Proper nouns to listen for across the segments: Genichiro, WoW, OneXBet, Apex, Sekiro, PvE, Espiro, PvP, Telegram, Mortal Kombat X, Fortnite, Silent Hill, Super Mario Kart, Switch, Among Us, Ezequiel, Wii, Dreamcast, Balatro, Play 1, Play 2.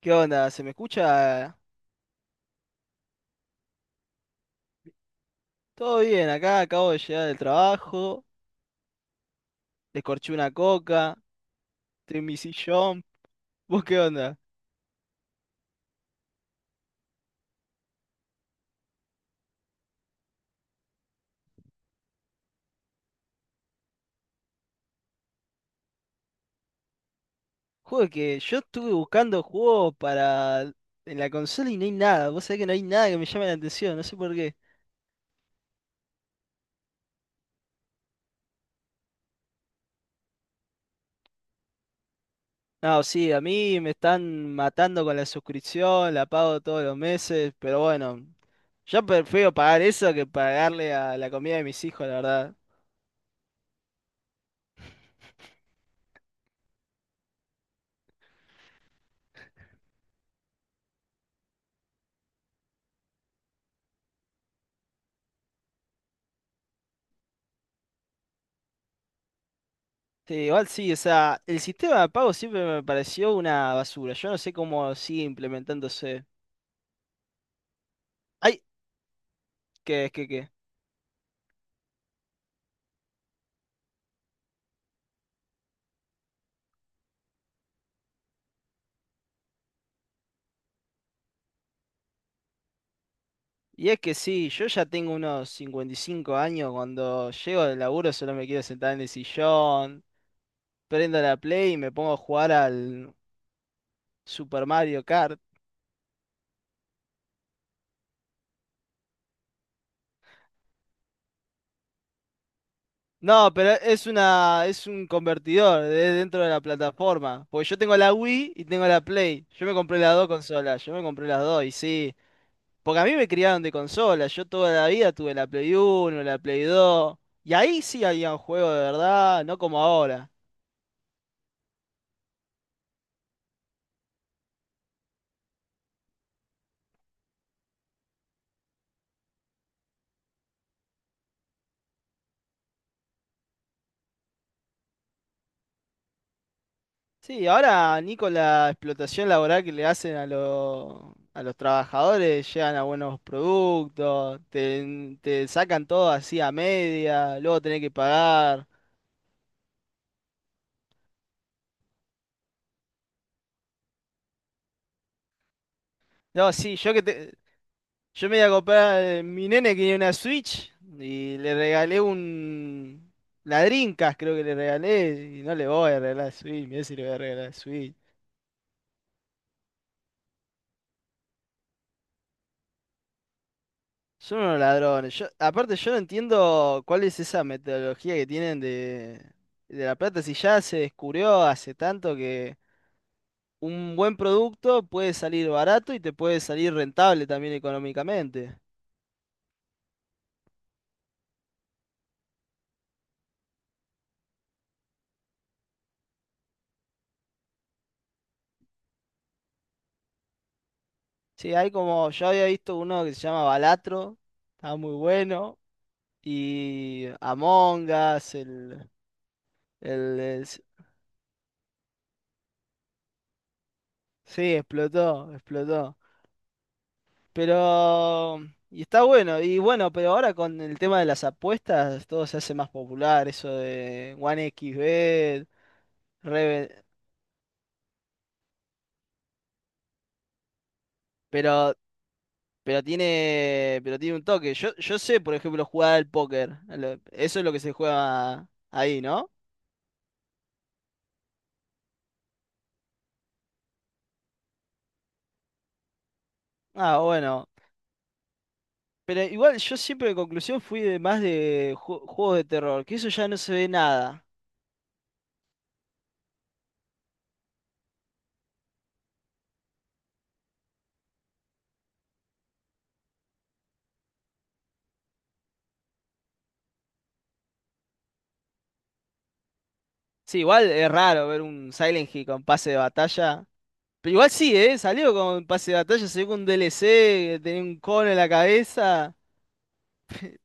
¿Qué onda? ¿Se me escucha? Todo bien, acá acabo de llegar del trabajo, descorché una coca, estoy en mi sillón. ¿Vos qué onda? Juego que yo estuve buscando juegos para en la consola y no hay nada. Vos sabés que no hay nada que me llame la atención, no sé por qué. No, sí, a mí me están matando con la suscripción, la pago todos los meses, pero bueno, yo prefiero pagar eso que pagarle a la comida de mis hijos, la verdad. Sí, igual sí, o sea, el sistema de pago siempre me pareció una basura. Yo no sé cómo sigue implementándose. Ay, qué. Y es que sí, yo ya tengo unos 55 años. Cuando llego del laburo solo me quiero sentar en el sillón, prendo la Play y me pongo a jugar al Super Mario Kart. No, pero es una, es un convertidor de dentro de la plataforma. Porque yo tengo la Wii y tengo la Play. Yo me compré las dos consolas, yo me compré las dos y sí. Porque a mí me criaron de consola, yo toda la vida tuve la Play 1, la Play 2, y ahí sí había un juego de verdad, no como ahora. Sí, ahora ni con la explotación laboral que le hacen a los trabajadores, llegan a buenos productos, te sacan todo así a media, luego tenés que pagar. No, sí, yo me iba a comprar, mi nene quería una Switch y le regalé un... La Dreamcast creo que le regalé y no le voy a regalar Switch, mirá si le voy a regalar Switch. Son unos ladrones. Yo, aparte yo no entiendo cuál es esa metodología que tienen de la plata, si ya se descubrió hace tanto que un buen producto puede salir barato y te puede salir rentable también económicamente. Sí, hay como, yo había visto uno que se llama Balatro, estaba muy bueno. Y Among Us, el, es- sí, explotó. Pero, y está bueno, y bueno, pero ahora con el tema de las apuestas, todo se hace más popular, eso de OneXBet. Reve- pero, pero tiene un toque. yo sé, por ejemplo, jugar al póker, eso es lo que se juega ahí, ¿no? Ah, bueno. Pero igual yo siempre en conclusión fui de más de juegos de terror, que eso ya no se ve nada. Sí, igual es raro ver un Silent Hill con pase de batalla. Pero igual sí, ¿eh? Salió con pase de batalla, salió con un DLC, que tenía un cono en la cabeza.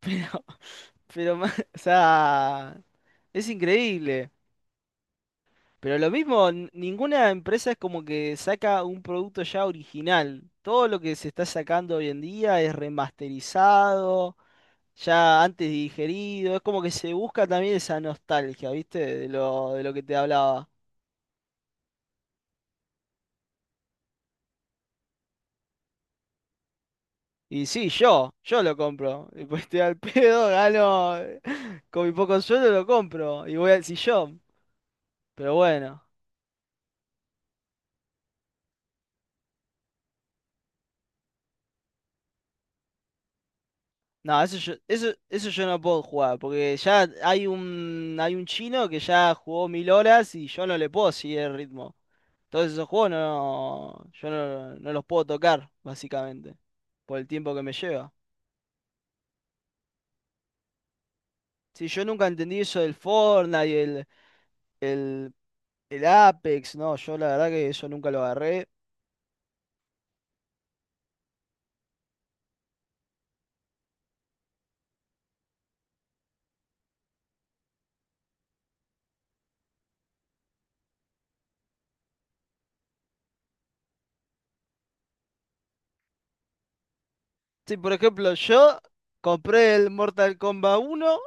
Pero, pero, o sea, es increíble. Pero lo mismo, ninguna empresa es como que saca un producto ya original. Todo lo que se está sacando hoy en día es remasterizado, ya antes digerido. Es como que se busca también esa nostalgia, ¿viste? De lo que te hablaba. Y sí, yo lo compro. Y pues estoy al pedo, gano con mi poco sueldo lo compro y voy al sillón. Pero bueno, no, eso yo no puedo jugar, porque ya hay un chino que ya jugó 1000 horas y yo no le puedo seguir el ritmo. Entonces esos juegos no, yo no los puedo tocar, básicamente, por el tiempo que me lleva. Sí, yo nunca entendí eso del Fortnite y el, el Apex. No, yo la verdad que eso nunca lo agarré. Sí, por ejemplo, yo compré el Mortal Kombat uno,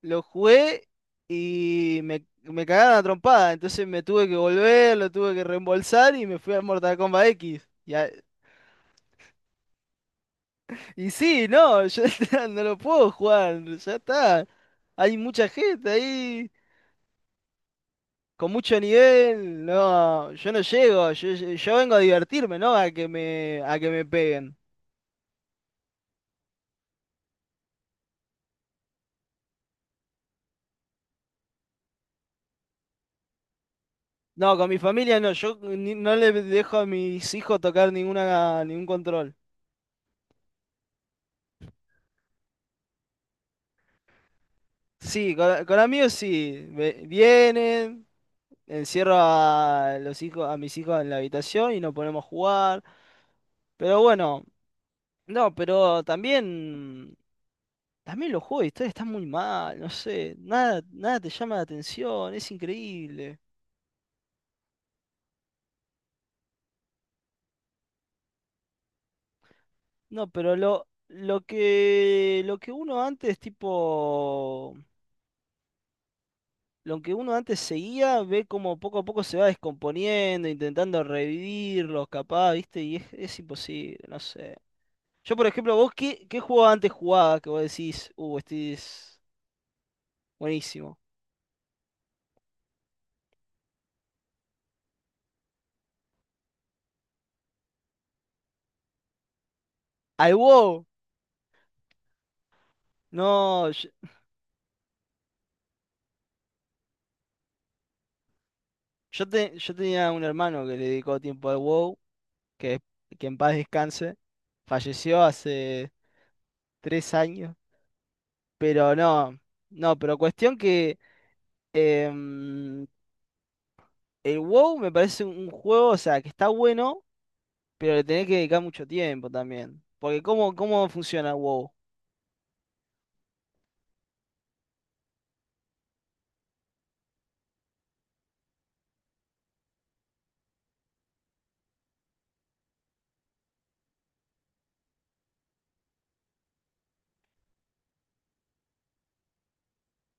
lo jugué y me cagaron a trompada. Entonces me tuve que volver, lo tuve que reembolsar y me fui al Mortal Kombat X. Y sí, no, yo no lo puedo jugar, ya está. Hay mucha gente ahí con mucho nivel. No, yo no llego, yo, yo vengo a divertirme, ¿no? A que me peguen. No, con mi familia no, yo ni- no le dejo a mis hijos tocar ninguna, ningún control. Sí, con amigos sí. Vienen, encierro a los hijos, a mis hijos en la habitación y nos ponemos a jugar. Pero bueno, no, pero también, también los juegos de historia están muy mal, no sé, nada, nada te llama la atención, es increíble. No, pero lo que uno antes, tipo, lo que uno antes seguía, ve como poco a poco se va descomponiendo, intentando revivirlos, capaz, ¿viste? Y es imposible, no sé. Yo, por ejemplo, vos, ¿qué juego antes jugaba que vos decís, este es buenísimo? Al WoW. No, yo, yo tenía un hermano que le dedicó tiempo al WoW, que, que en paz descanse. Falleció hace 3 años. Pero no, no, pero cuestión que em, el WoW me parece un juego, o sea, que está bueno, pero le tenés que dedicar mucho tiempo también. Porque ¿cómo funciona el WoW?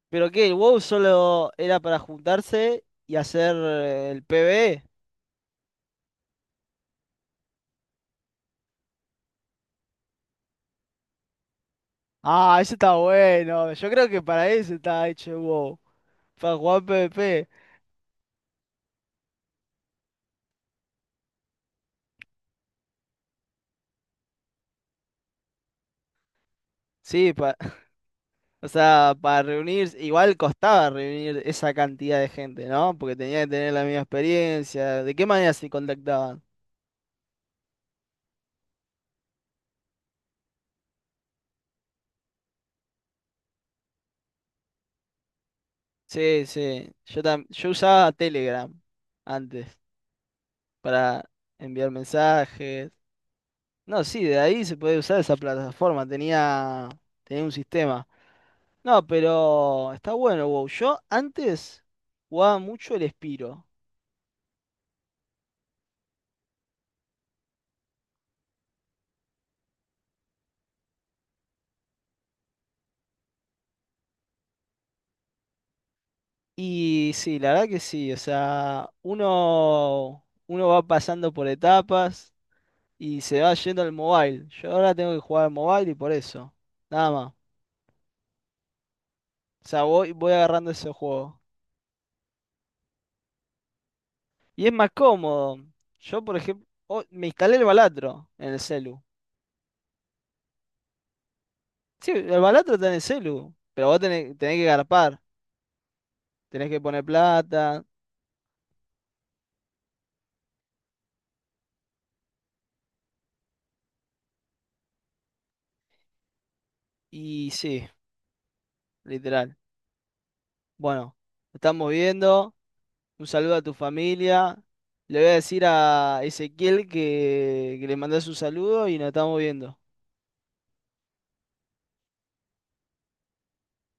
¿Pero qué? ¿El WoW solo era para juntarse y hacer el PvE? Ah, eso está bueno. Yo creo que para eso está hecho el WoW. Para jugar PvP. Sí, o sea, para reunirse. Igual costaba reunir esa cantidad de gente, ¿no? Porque tenía que tener la misma experiencia. ¿De qué manera se contactaban? Sí, sí. Yo, yo usaba Telegram antes para enviar mensajes. No, sí, de ahí se puede usar esa plataforma. Tenía un sistema. No, pero está bueno, WoW. Yo antes jugaba mucho el Espiro. Y sí, la verdad que sí. O sea, uno va pasando por etapas y se va yendo al mobile. Yo ahora tengo que jugar al mobile y por eso. Nada más. O sea, voy agarrando ese juego. Y es más cómodo. Yo, por ejemplo, me instalé el Balatro en el celu. Sí, el Balatro está en el celu. Pero vos tenés que garpar. Tenés que poner plata. Y sí, literal. Bueno, nos estamos viendo. Un saludo a tu familia. Le voy a decir a Ezequiel que, le mandas un saludo y nos estamos viendo.